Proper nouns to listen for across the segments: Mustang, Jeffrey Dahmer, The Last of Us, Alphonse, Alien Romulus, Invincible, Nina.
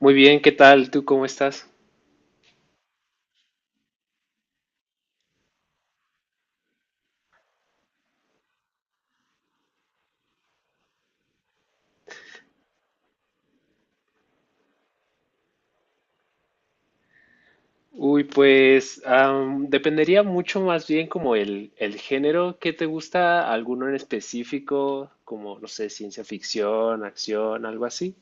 Muy bien, ¿qué tal? ¿Tú cómo estás? Uy, pues dependería mucho más bien como el género. ¿Qué te gusta, alguno en específico, como, no sé, ciencia ficción, acción, algo así?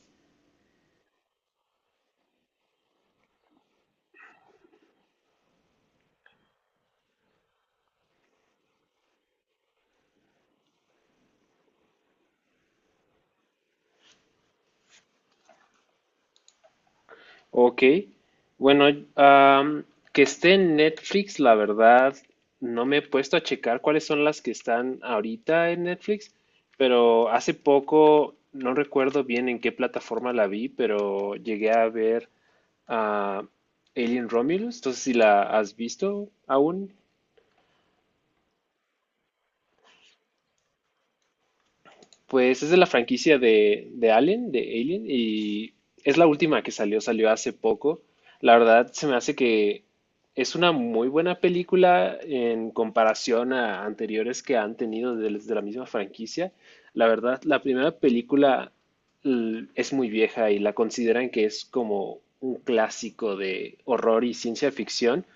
Ok, bueno, am, que esté en Netflix, la verdad, no me he puesto a checar cuáles son las que están ahorita en Netflix, pero hace poco, no recuerdo bien en qué plataforma la vi, pero llegué a ver... a Alien Romulus. Entonces, si la has visto aún, pues es de la franquicia de Alien, de Alien, y es la última que salió, salió hace poco. La verdad, se me hace que es una muy buena película en comparación a anteriores que han tenido de la misma franquicia. La verdad, la primera película es muy vieja y la consideran que es como un clásico de horror y ciencia ficción.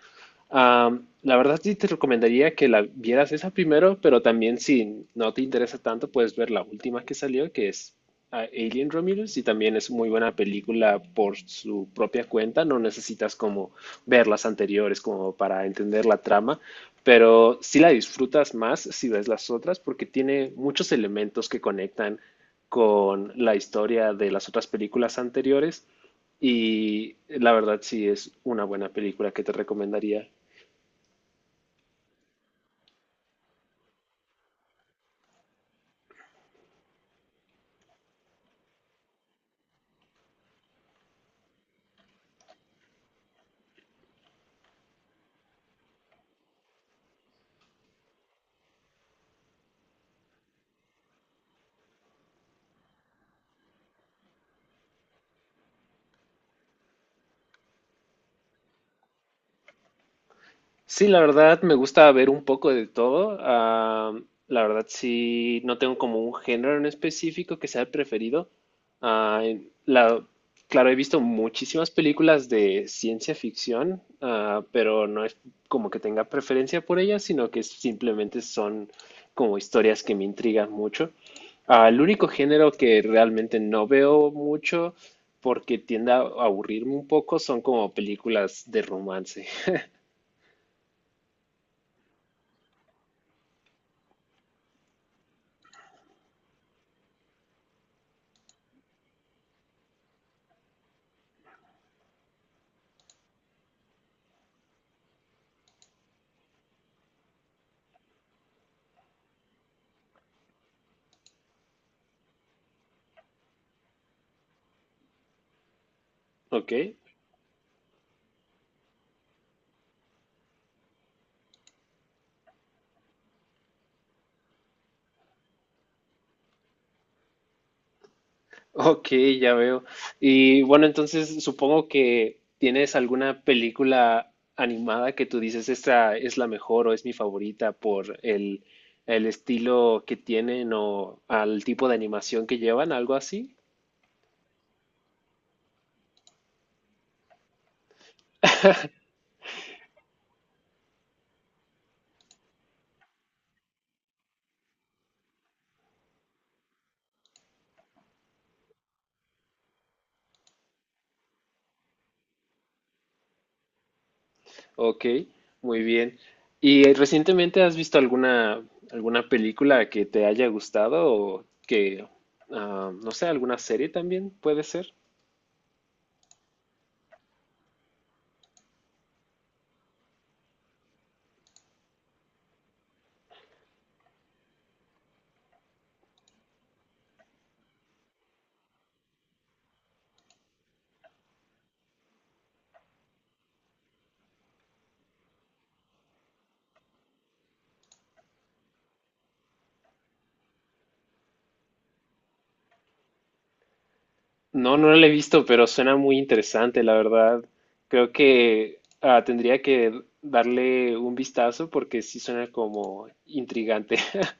La verdad sí te recomendaría que la vieras esa primero, pero también si no te interesa tanto, puedes ver la última que salió, que es Alien Romulus, y también es muy buena película por su propia cuenta. No necesitas como ver las anteriores como para entender la trama, pero sí la disfrutas más si ves las otras porque tiene muchos elementos que conectan con la historia de las otras películas anteriores. Y la verdad sí es una buena película que te recomendaría. Sí, la verdad me gusta ver un poco de todo. La verdad sí, no tengo como un género en específico que sea el preferido. Ah, en- la- claro, he visto muchísimas películas de ciencia ficción, pero no es como que tenga preferencia por ellas, sino que simplemente son como historias que me intrigan mucho. El único género que realmente no veo mucho porque tiende a aburrirme un poco son como películas de romance. ¿Ok? Ok, ya veo. Y bueno, entonces supongo que tienes alguna película animada que tú dices, esta es la mejor o es mi favorita por el estilo que tienen o al tipo de animación que llevan, algo así. Ok, muy bien. ¿Y recientemente has visto alguna, alguna película que te haya gustado o que, no sé, alguna serie también puede ser? No, no la he visto, pero suena muy interesante, la verdad. Creo que tendría que darle un vistazo porque sí suena como intrigante.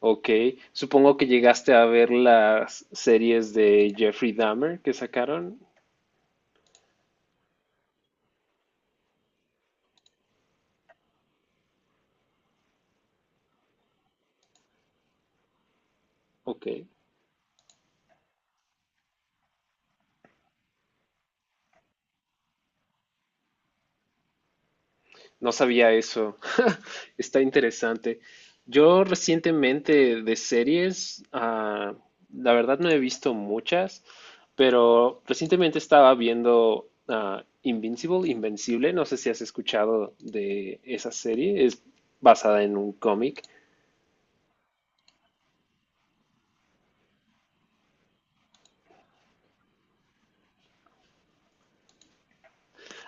Ok, supongo que llegaste a ver las series de Jeffrey Dahmer que sacaron. Ok. No sabía eso. Está interesante. Yo recientemente de series, la verdad no he visto muchas, pero recientemente estaba viendo Invincible, Invencible. No sé si has escuchado de esa serie. Es basada en un cómic.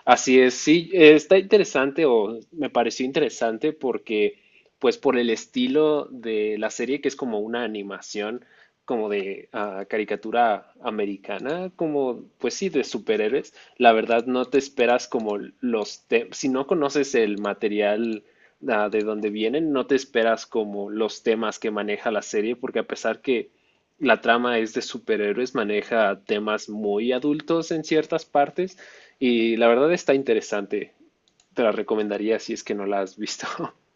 Así es, sí, está interesante o me pareció interesante porque, pues por el estilo de la serie, que es como una animación, como de caricatura americana, como, pues sí, de superhéroes, la verdad no te esperas como los temas, si no conoces el material de donde vienen, no te esperas como los temas que maneja la serie, porque a pesar que la trama es de superhéroes, maneja temas muy adultos en ciertas partes y la verdad está interesante. Te la recomendaría si es que no la has visto.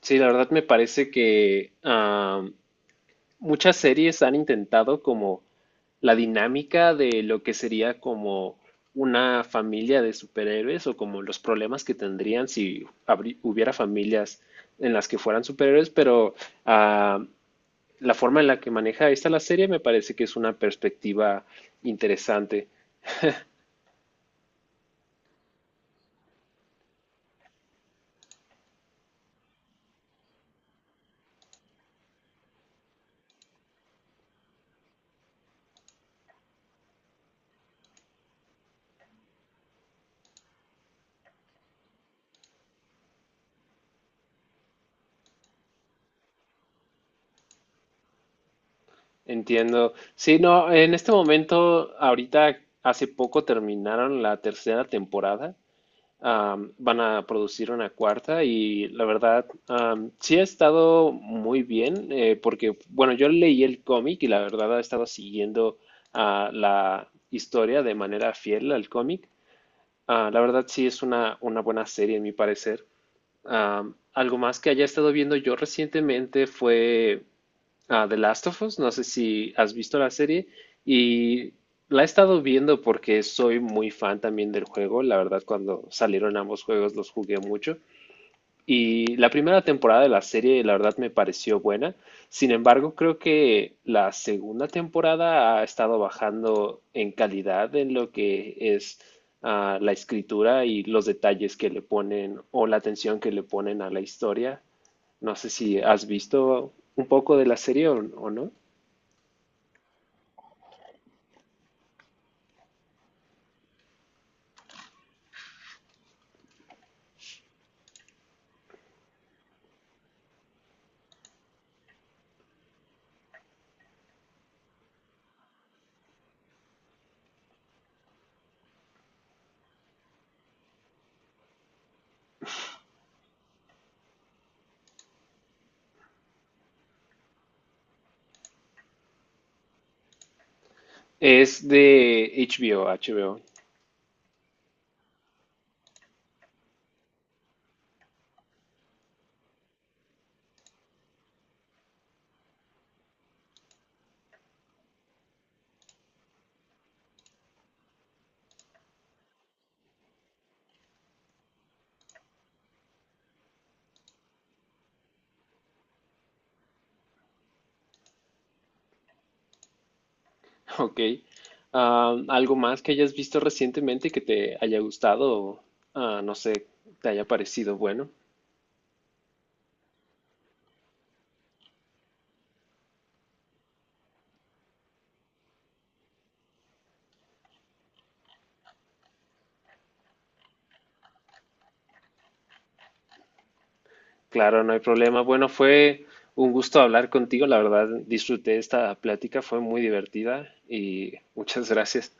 Sí, la verdad me parece que muchas series han intentado como la dinámica de lo que sería como una familia de superhéroes o como los problemas que tendrían si hubiera familias en las que fueran superhéroes, pero ah, la forma en la que maneja esta la serie me parece que es una perspectiva interesante. Entiendo. Sí, no, en este momento, ahorita hace poco terminaron la tercera temporada. Van a producir una cuarta y la verdad, sí ha estado muy bien porque, bueno, yo leí el cómic y la verdad he estado siguiendo la historia de manera fiel al cómic. La verdad sí es una buena serie, en mi parecer. Algo más que haya estado viendo yo recientemente fue a The Last of Us. No sé si has visto la serie y la he estado viendo porque soy muy fan también del juego. La verdad, cuando salieron ambos juegos los jugué mucho. Y la primera temporada de la serie, la verdad, me pareció buena. Sin embargo, creo que la segunda temporada ha estado bajando en calidad en lo que es la escritura y los detalles que le ponen o la atención que le ponen a la historia. No sé si has visto un poco de la serie o no. Es de HBO, HBO. Ok. ¿Algo más que hayas visto recientemente que te haya gustado o, no sé, te haya parecido bueno? Claro, no hay problema. Bueno, fue un gusto hablar contigo. La verdad, disfruté esta plática, fue muy divertida y muchas gracias.